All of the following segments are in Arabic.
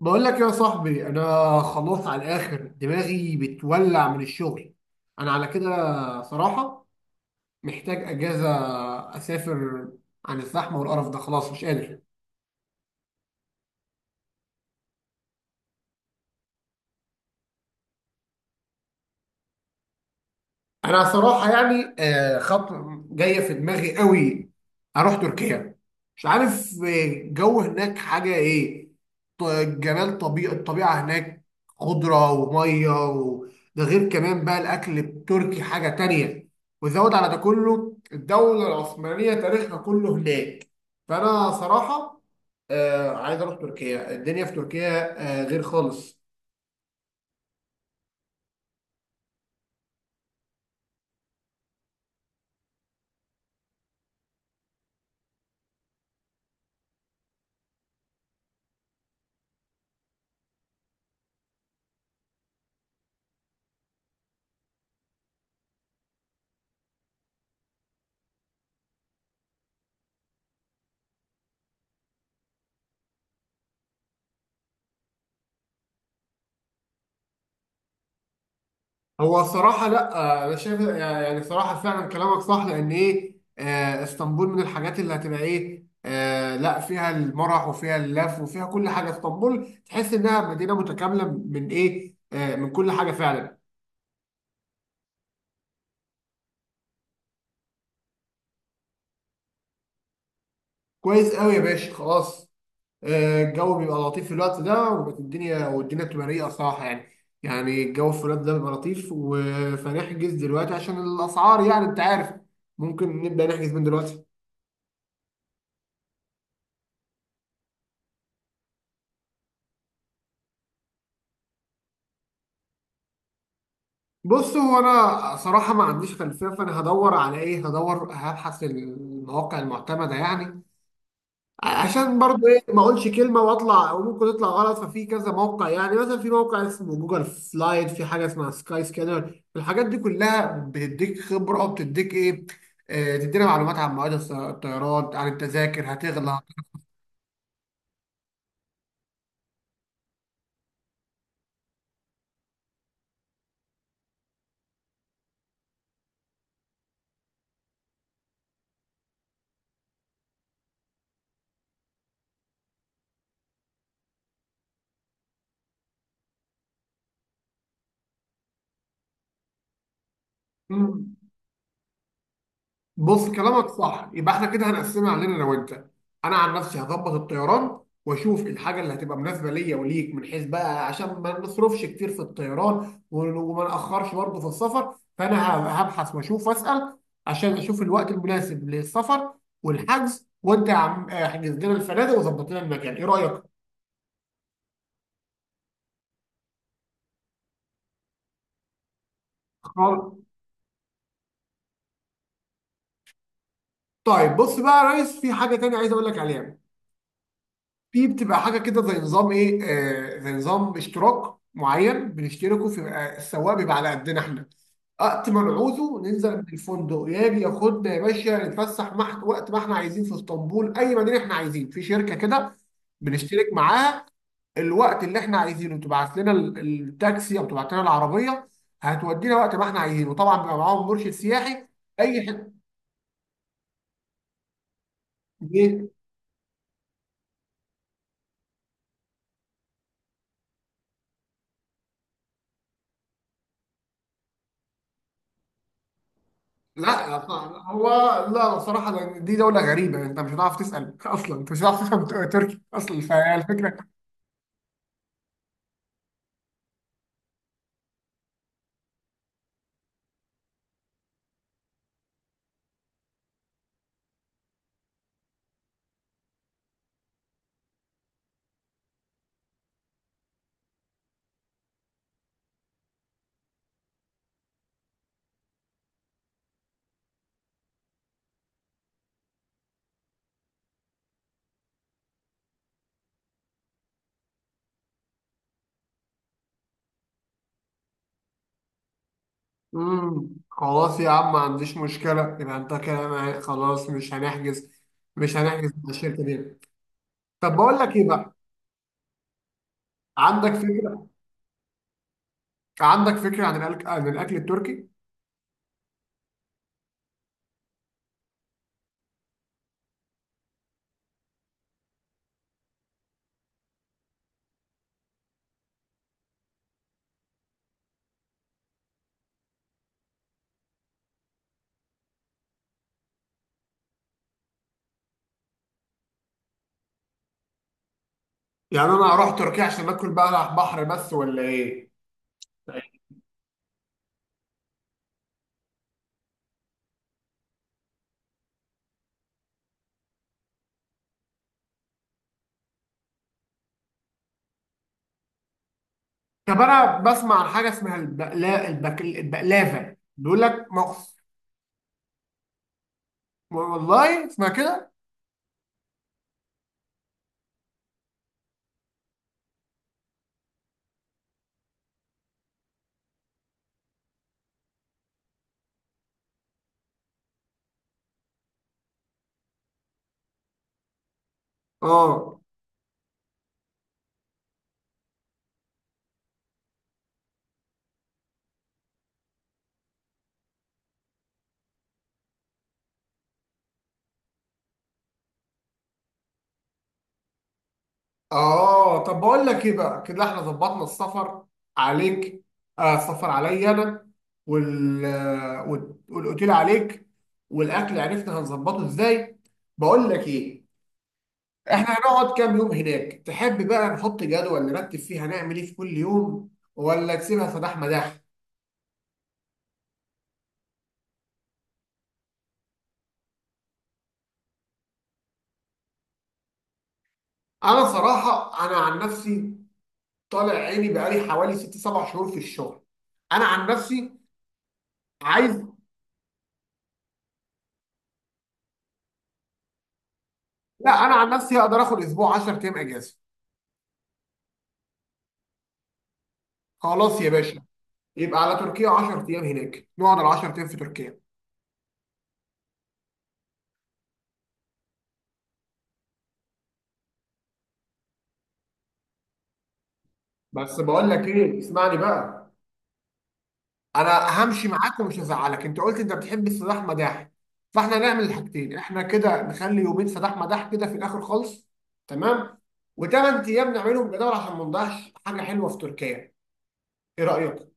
بقول لك يا صاحبي، انا خلاص على الاخر دماغي بتولع من الشغل. انا على كده صراحة محتاج اجازة، اسافر عن الزحمة والقرف ده، خلاص مش قادر. انا صراحه يعني خطوه جايه في دماغي قوي، اروح تركيا. مش عارف جو هناك حاجه ايه. ط- جمال الطبيعه هناك، خضره وميه و. ده غير كمان بقى الاكل التركي حاجه تانية، وزود على ده كله الدوله العثمانيه تاريخها كله هناك. فانا صراحه عايز اروح تركيا، الدنيا في تركيا غير خالص. هو الصراحة لا، أنا شايف يعني صراحة فعلا كلامك صح، لأن إيه اسطنبول من الحاجات اللي هتبقى إيه لا، فيها المرح وفيها اللف وفيها كل حاجة. اسطنبول تحس إنها مدينة متكاملة من إيه من كل حاجة فعلا. كويس قوي يا باشا، خلاص. الجو بيبقى لطيف في الوقت ده، والدنيا بتبقى رايقة صراحة يعني. يعني الجو في الوقت ده بيبقى لطيف فنحجز دلوقتي عشان الأسعار، يعني أنت عارف، ممكن نبدأ نحجز من دلوقتي. بص، هو انا صراحه ما عنديش خلفيه، فانا هدور على ايه، هدور هبحث المواقع المعتمده يعني. عشان برضو ايه، ما اقولش كلمه واطلع، او ممكن تطلع غلط، ففي كذا موقع، يعني مثلا في موقع اسمه جوجل سلايد، في حاجه اسمها سكاي سكانر. الحاجات دي كلها بتديك خبره، وبتديك ايه، تدينا معلومات عن مواعيد الطيران، عن التذاكر هتغلى. بص، كلامك صح، يبقى احنا كده هنقسمها علينا انا وانت. انا عن نفسي هظبط الطيران، واشوف الحاجه اللي هتبقى مناسبه ليا وليك من حيث بقى، عشان ما نصرفش كتير في الطيران وما ناخرش برضه في السفر، فانا هبحث واشوف واسال، عشان اشوف الوقت المناسب للسفر والحجز. وانت يا عم احجز لنا الفنادق، وظبط لنا المكان، ايه رايك؟ خلاص. طيب بص بقى يا ريس، في حاجه تانيه عايز اقول لك عليها. في بتبقى حاجه كده زي نظام ايه، آه زي نظام اشتراك معين بنشتركه في السواق، بيبقى على قدنا احنا، وقت ما نعوزه ننزل من الفندق يجي ياخدنا يا باشا نتفسح، وقت ما احنا عايزين في اسطنبول، اي مدينه احنا عايزين، في شركه كده بنشترك معاها. الوقت اللي احنا عايزينه تبعت لنا التاكسي، او تبعت لنا العربيه، هتودينا وقت ما احنا عايزينه. طبعا بيبقى معاهم مرشد سياحي. اي حته؟ إيه، لا هو لا، بصراحة، لأن دي دولة غريبة، انت مش هتعرف تسأل اصلا، انت مش هتعرف تفهم تركي اصلا، فالفكرة. خلاص يا عم، ما عنديش مشكلة، يبقى انت كده معايا. خلاص مش هنحجز، مش هنحجز مع الشركة دي. طب بقول لك ايه بقى، عندك فكرة عندك فكرة عن الأكل التركي؟ يعني انا اروح تركيا عشان اكل بقى بحر بس ولا ايه؟ طب انا بسمع عن حاجة اسمها البقلافة، بيقول لك مخ. والله اسمها كده. اه. اه، طب بقول لك ايه بقى، كده احنا ظبطنا السفر عليك، آه السفر عليا انا، والاوتيل عليك، والاكل عرفنا هنظبطه ازاي. بقول لك ايه، احنا هنقعد كام يوم هناك؟ تحب بقى نحط جدول نرتب فيه هنعمل ايه في كل يوم، ولا تسيبها صداح مداح؟ انا صراحة انا عن نفسي طالع عيني بقالي حوالي ست سبع شهور في الشغل. انا عن نفسي عايز. لا انا عن نفسي هقدر اخد اسبوع 10 ايام اجازة. خلاص يا باشا، يبقى على تركيا 10 ايام هناك، نقعد ال 10 ايام في تركيا. بس بقول لك ايه، اسمعني بقى. انا همشي معاك ومش هزعلك، انت قلت انت بتحب السداح مداح، فاحنا هنعمل الحاجتين. احنا كده نخلي يومين سداح مداح كده في الاخر خالص، تمام. و8 ايام نعملهم جدول عشان ما نضيعش حاجه حلوه في تركيا، ايه رايك؟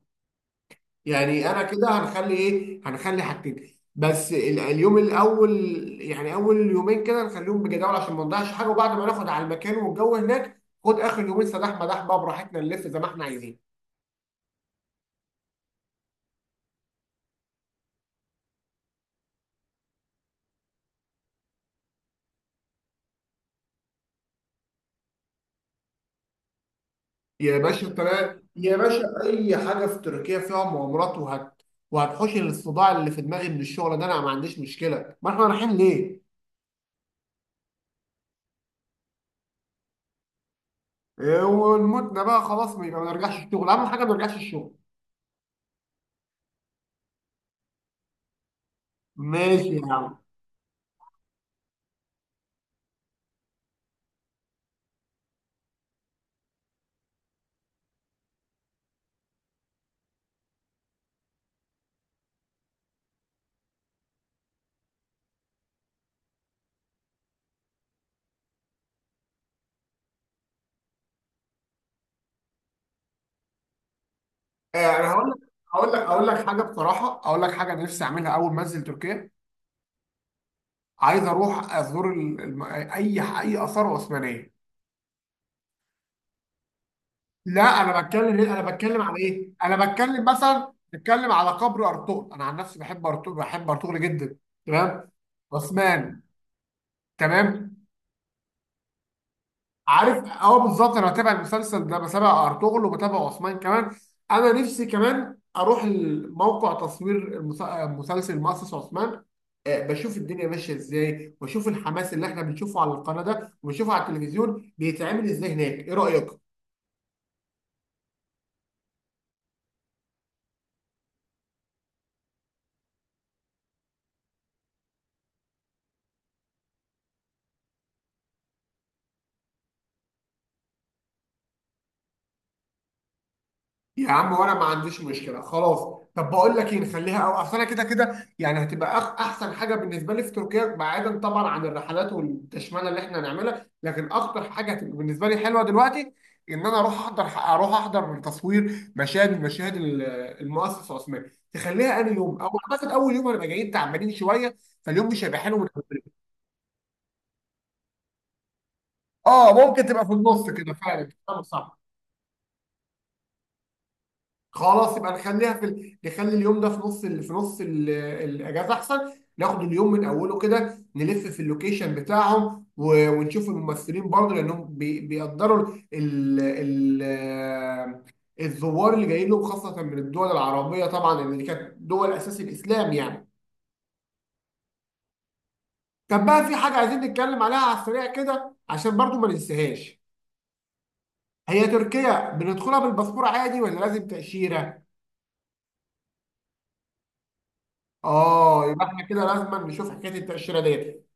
يعني انا كده هنخلي ايه، هنخلي حاجتين بس، اليوم الاول، يعني اول يومين كده نخليهم بجداول عشان ما نضيعش حاجه، وبعد ما ناخد على المكان والجو هناك، خد اخر يومين سداح مداح بقى براحتنا، نلف زي ما احنا عايزين. يا باشا تمام يا باشا، اي حاجه في تركيا فيها مغامرات وهتحوش الصداع اللي في دماغي من الشغل ده، انا ما عنديش مشكله، ما احنا رايحين ليه. إيه، ونموتنا بقى خلاص، ما يبقى ما نرجعش الشغل، اهم حاجه ما نرجعش الشغل. ماشي يا عم. انا هقول لك، هقول لك حاجه بصراحه، اقول لك حاجه نفسي اعملها اول ما انزل تركيا. عايز اروح ازور اي اثار عثمانيه. لا انا بتكلم ليه، انا بتكلم على ايه، انا بتكلم مثلا، بتكلم على قبر ارطغرل، انا عن نفسي بحب ارطغرل، بحب ارطغرل جدا، تمام، عثمان، تمام. عارف، اه بالظبط، انا بتابع المسلسل ده، بتابع ارطغرل وبتابع عثمان كمان. انا نفسي كمان اروح موقع تصوير مسلسل مؤسس عثمان، بشوف الدنيا ماشيه ازاي، واشوف الحماس اللي احنا بنشوفه على القناه ده وبنشوفه على التلفزيون بيتعمل ازاي هناك، ايه رايك؟ يا عم وانا ما عنديش مشكله، خلاص. طب بقول لك ايه، نخليها، او اصل انا كده كده يعني، هتبقى احسن حاجه بالنسبه لي في تركيا، بعيدا طبعا عن الرحلات والتشمانه اللي احنا هنعملها، لكن اكتر حاجه هتبقى بالنسبه لي حلوه دلوقتي، ان انا اروح احضر، اروح احضر من تصوير مشاهد المؤسس العثماني. تخليها انهي يوم؟ او اعتقد اول يوم هنبقى جايين تعبانين شويه، فاليوم مش هيبقى حلو من أوله. اه ممكن تبقى في النص كده، فعلا كلامك صح. خلاص يبقى نخلي اليوم ده في نص الاجازه احسن. ناخد اليوم من اوله كده نلف في اللوكيشن بتاعهم، ونشوف الممثلين برضه لانهم بيقدروا الزوار اللي جايين لهم، خاصه من الدول العربيه طبعا، لان دي كانت دول اساس الاسلام يعني. كان بقى في حاجه عايزين نتكلم عليها على السريع كده، عشان برضه ما ننساهاش. هي تركيا بندخلها بالباسبور عادي، ولا لازم تاشيره؟ اه، يبقى احنا كده لازم نشوف حكايه التاشيره ديت.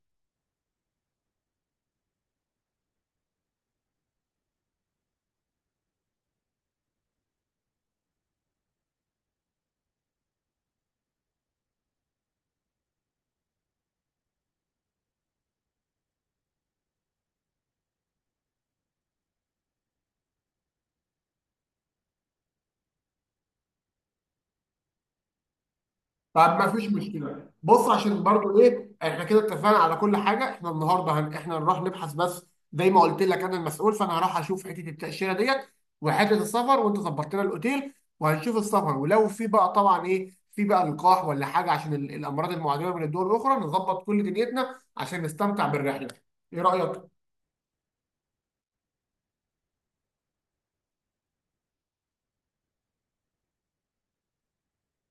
طب ما فيش مشكله، بص عشان برضو ايه، احنا كده اتفقنا على كل حاجه، احنا النهارده احنا نروح نبحث بس. زي ما قلت لك انا المسؤول، فانا هروح اشوف حته التاشيره ديت وحته السفر، وانت ظبطت لنا الاوتيل. وهنشوف السفر، ولو في بقى طبعا ايه، في بقى لقاح ولا حاجه عشان الامراض المعديه من الدول الاخرى، نظبط كل دنيتنا عشان نستمتع بالرحله، ايه رايك؟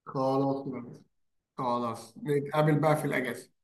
خلاص، خلاص نتقابل بقى في الاجازه.